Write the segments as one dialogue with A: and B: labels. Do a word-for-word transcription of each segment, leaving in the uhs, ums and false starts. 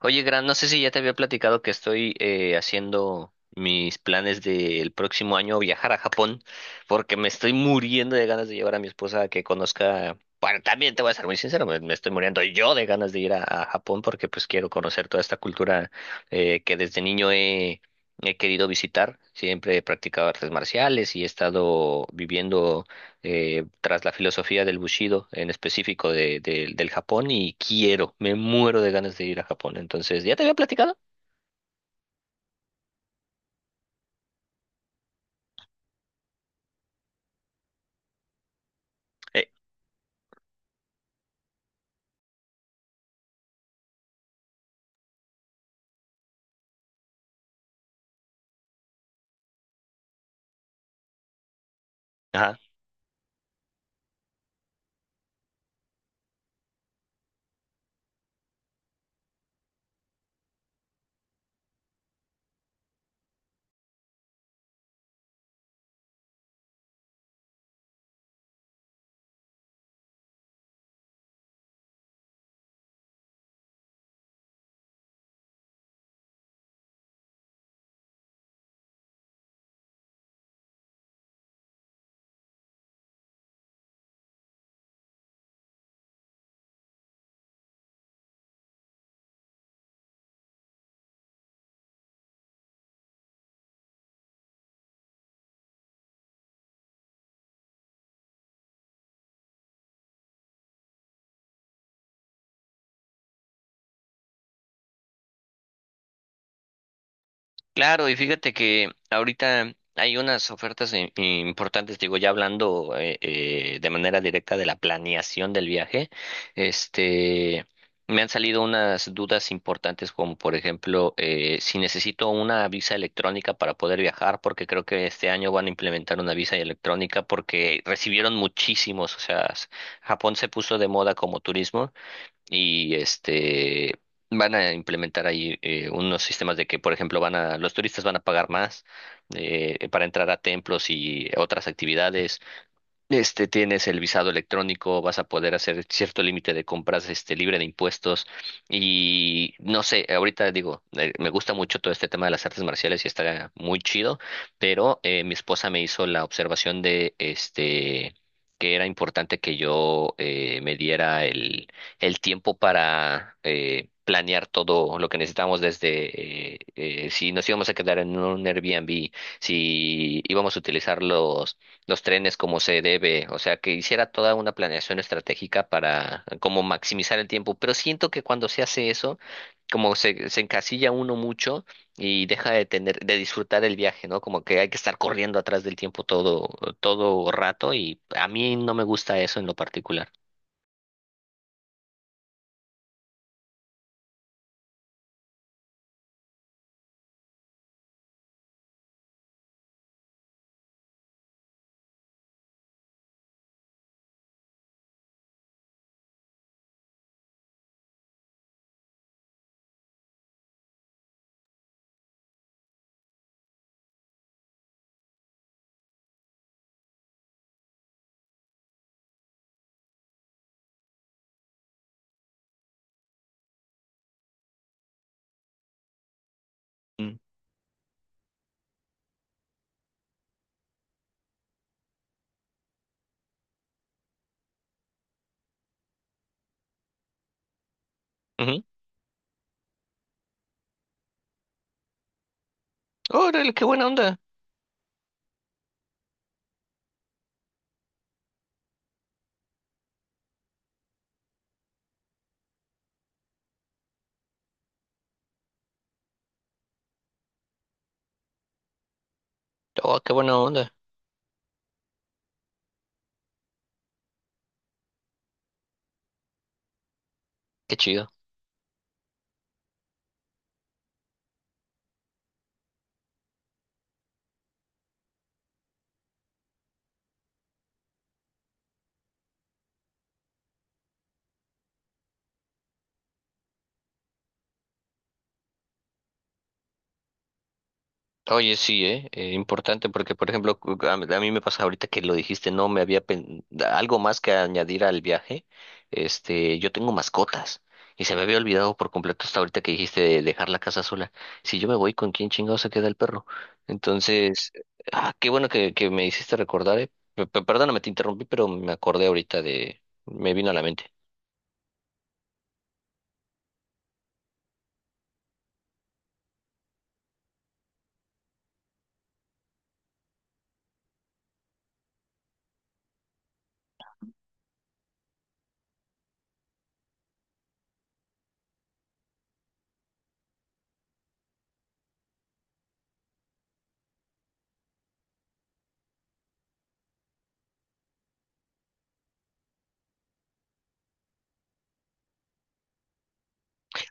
A: Oye, Gran, no sé si ya te había platicado que estoy eh, haciendo mis planes del próximo año viajar a Japón, porque me estoy muriendo de ganas de llevar a mi esposa a que conozca. Bueno, también te voy a ser muy sincero, me, me estoy muriendo yo de ganas de ir a, a Japón porque pues quiero conocer toda esta cultura eh, que desde niño he, he querido visitar. Siempre he practicado artes marciales y he estado viviendo eh, tras la filosofía del Bushido, en específico de, de- del Japón, y quiero, me muero de ganas de ir a Japón. Entonces, ¿ya te había platicado? Eh, ajá. Claro, y fíjate que ahorita hay unas ofertas i- importantes, digo, ya hablando eh, eh, de manera directa de la planeación del viaje, este, me han salido unas dudas importantes como, por ejemplo, eh, si necesito una visa electrónica para poder viajar, porque creo que este año van a implementar una visa electrónica porque recibieron muchísimos, o sea, s- Japón se puso de moda como turismo y este van a implementar ahí eh, unos sistemas de que, por ejemplo, van a los turistas van a pagar más eh, para entrar a templos y otras actividades. Este, tienes el visado electrónico, vas a poder hacer cierto límite de compras, este, libre de impuestos y no sé, ahorita digo, eh, me gusta mucho todo este tema de las artes marciales y está muy chido, pero eh, mi esposa me hizo la observación de, este, que era importante que yo eh, me diera el, el tiempo para eh, planear todo lo que necesitábamos desde eh, eh, si nos íbamos a quedar en un Airbnb, si íbamos a utilizarlo los trenes como se debe, o sea, que hiciera toda una planeación estratégica para como maximizar el tiempo, pero siento que cuando se hace eso, como se, se encasilla uno mucho y deja de tener, de disfrutar el viaje, ¿no? Como que hay que estar corriendo atrás del tiempo todo, todo rato y a mí no me gusta eso en lo particular. Mm. Ujú. Órale, qué buena onda. Oh, qué buena onda. Qué chido. Oye, sí, ¿eh? Eh, importante porque, por ejemplo, cu- a mí a mí me pasa ahorita que lo dijiste, no me había pen- algo más que añadir al viaje. Este, yo tengo mascotas y se me había olvidado por completo hasta ahorita que dijiste de dejar la casa sola. Si yo me voy, ¿con quién chingado se queda el perro? Entonces, ah, qué bueno que, que me hiciste recordar, ¿eh? Pe- pe- Perdóname, te interrumpí, pero me acordé ahorita de, me vino a la mente.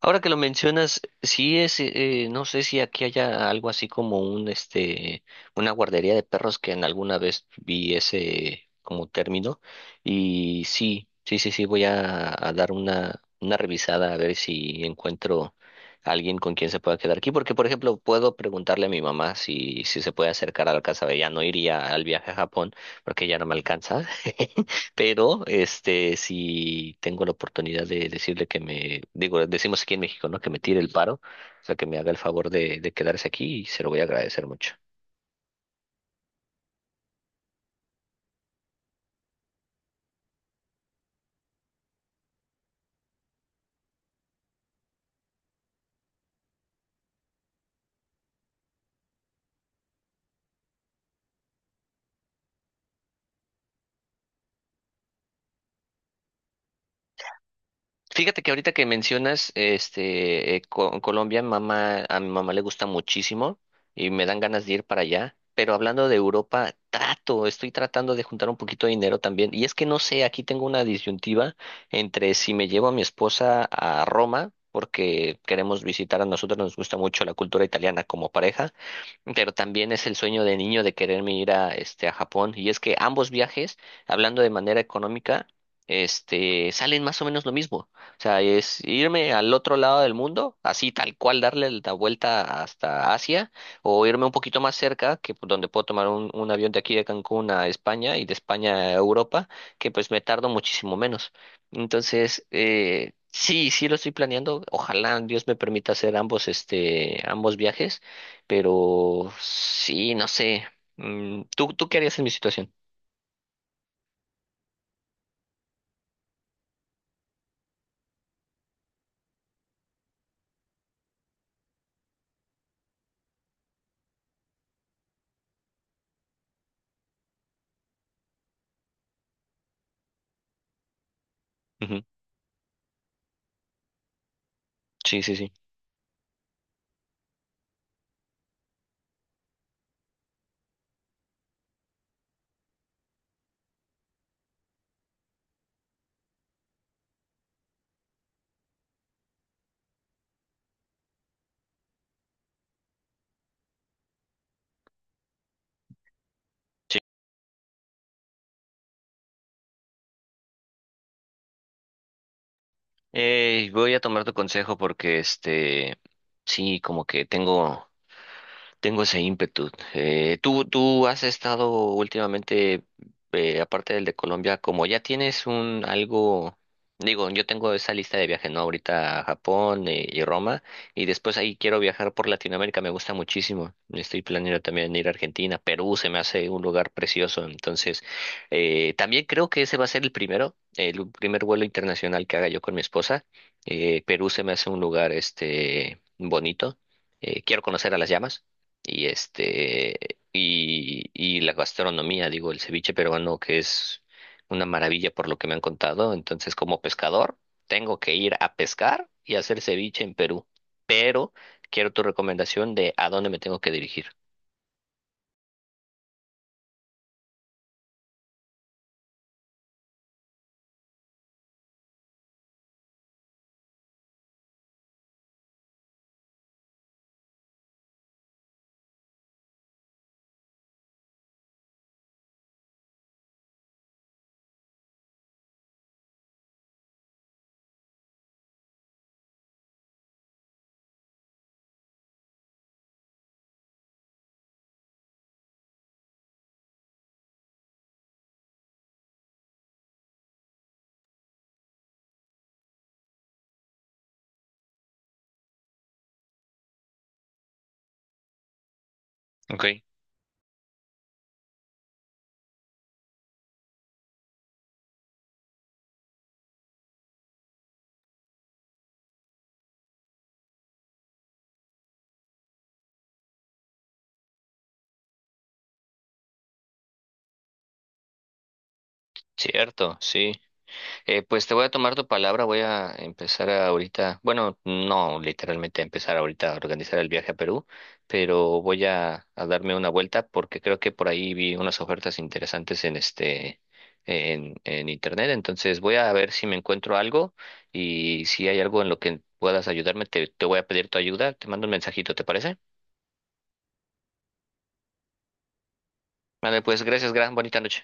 A: Ahora que lo mencionas, sí es, eh, no sé si aquí haya algo así como un, este, una guardería de perros que en alguna vez vi ese como término y sí, sí, sí, sí, voy a, a dar una, una revisada a ver si encuentro a alguien con quien se pueda quedar aquí, porque por ejemplo puedo preguntarle a mi mamá si, si se puede acercar a la casa, ella no iría al viaje a Japón porque ya no me alcanza, Pero este, si tengo la oportunidad de decirle que me, digo, decimos aquí en México, ¿no? Que me tire el paro, o sea, que me haga el favor de, de quedarse aquí y se lo voy a agradecer mucho. Fíjate que ahorita que mencionas este eh, Co- Colombia, mamá, a mi mamá le gusta muchísimo y me dan ganas de ir para allá. Pero hablando de Europa, trato, estoy tratando de juntar un poquito de dinero también. Y es que no sé, aquí tengo una disyuntiva entre si me llevo a mi esposa a Roma, porque queremos visitar, a nosotros nos gusta mucho la cultura italiana como pareja, pero también es el sueño de niño de quererme ir a este a Japón. Y es que ambos viajes, hablando de manera económica, este, salen más o menos lo mismo. O sea, es irme al otro lado del mundo, así tal cual darle la vuelta hasta Asia, o irme un poquito más cerca, que pu- donde puedo tomar un, un avión de aquí de Cancún a España y de España a Europa, que pues me tardo muchísimo menos. Entonces, eh, sí, sí lo estoy planeando. Ojalá Dios me permita hacer ambos, este, ambos viajes, pero sí, no sé. Mm, ¿Tú, tú qué harías en mi situación? Ujú. Sí, sí, sí. Eh, voy a tomar tu consejo porque este, sí, como que tengo... Tengo ese ímpetu. Eh, tú, tú has estado últimamente, eh, aparte del de Colombia, como ya tienes un algo, digo, yo tengo esa lista de viajes, ¿no? Ahorita a Japón eh, y Roma, y después ahí quiero viajar por Latinoamérica, me gusta muchísimo. Estoy planeando también ir a Argentina, Perú, se me hace un lugar precioso. Entonces, eh, también creo que ese va a ser el primero, el primer vuelo internacional que haga yo con mi esposa. Eh, Perú se me hace un lugar, este, bonito. Eh, quiero conocer a las llamas y este y, y la gastronomía, digo, el ceviche peruano que es una maravilla por lo que me han contado. Entonces, como pescador, tengo que ir a pescar y hacer ceviche en Perú. Pero quiero tu recomendación de a dónde me tengo que dirigir. Ok. Cierto, sí. Eh, pues te voy a tomar tu palabra, voy a empezar ahorita, bueno, no literalmente a empezar ahorita a organizar el viaje a Perú, pero voy a, a darme una vuelta porque creo que por ahí vi unas ofertas interesantes en este, en, en internet, entonces voy a ver si me encuentro algo y si hay algo en lo que puedas ayudarme, te, te voy a pedir tu ayuda, te mando un mensajito, ¿te parece? Vale, pues gracias, gran bonita noche.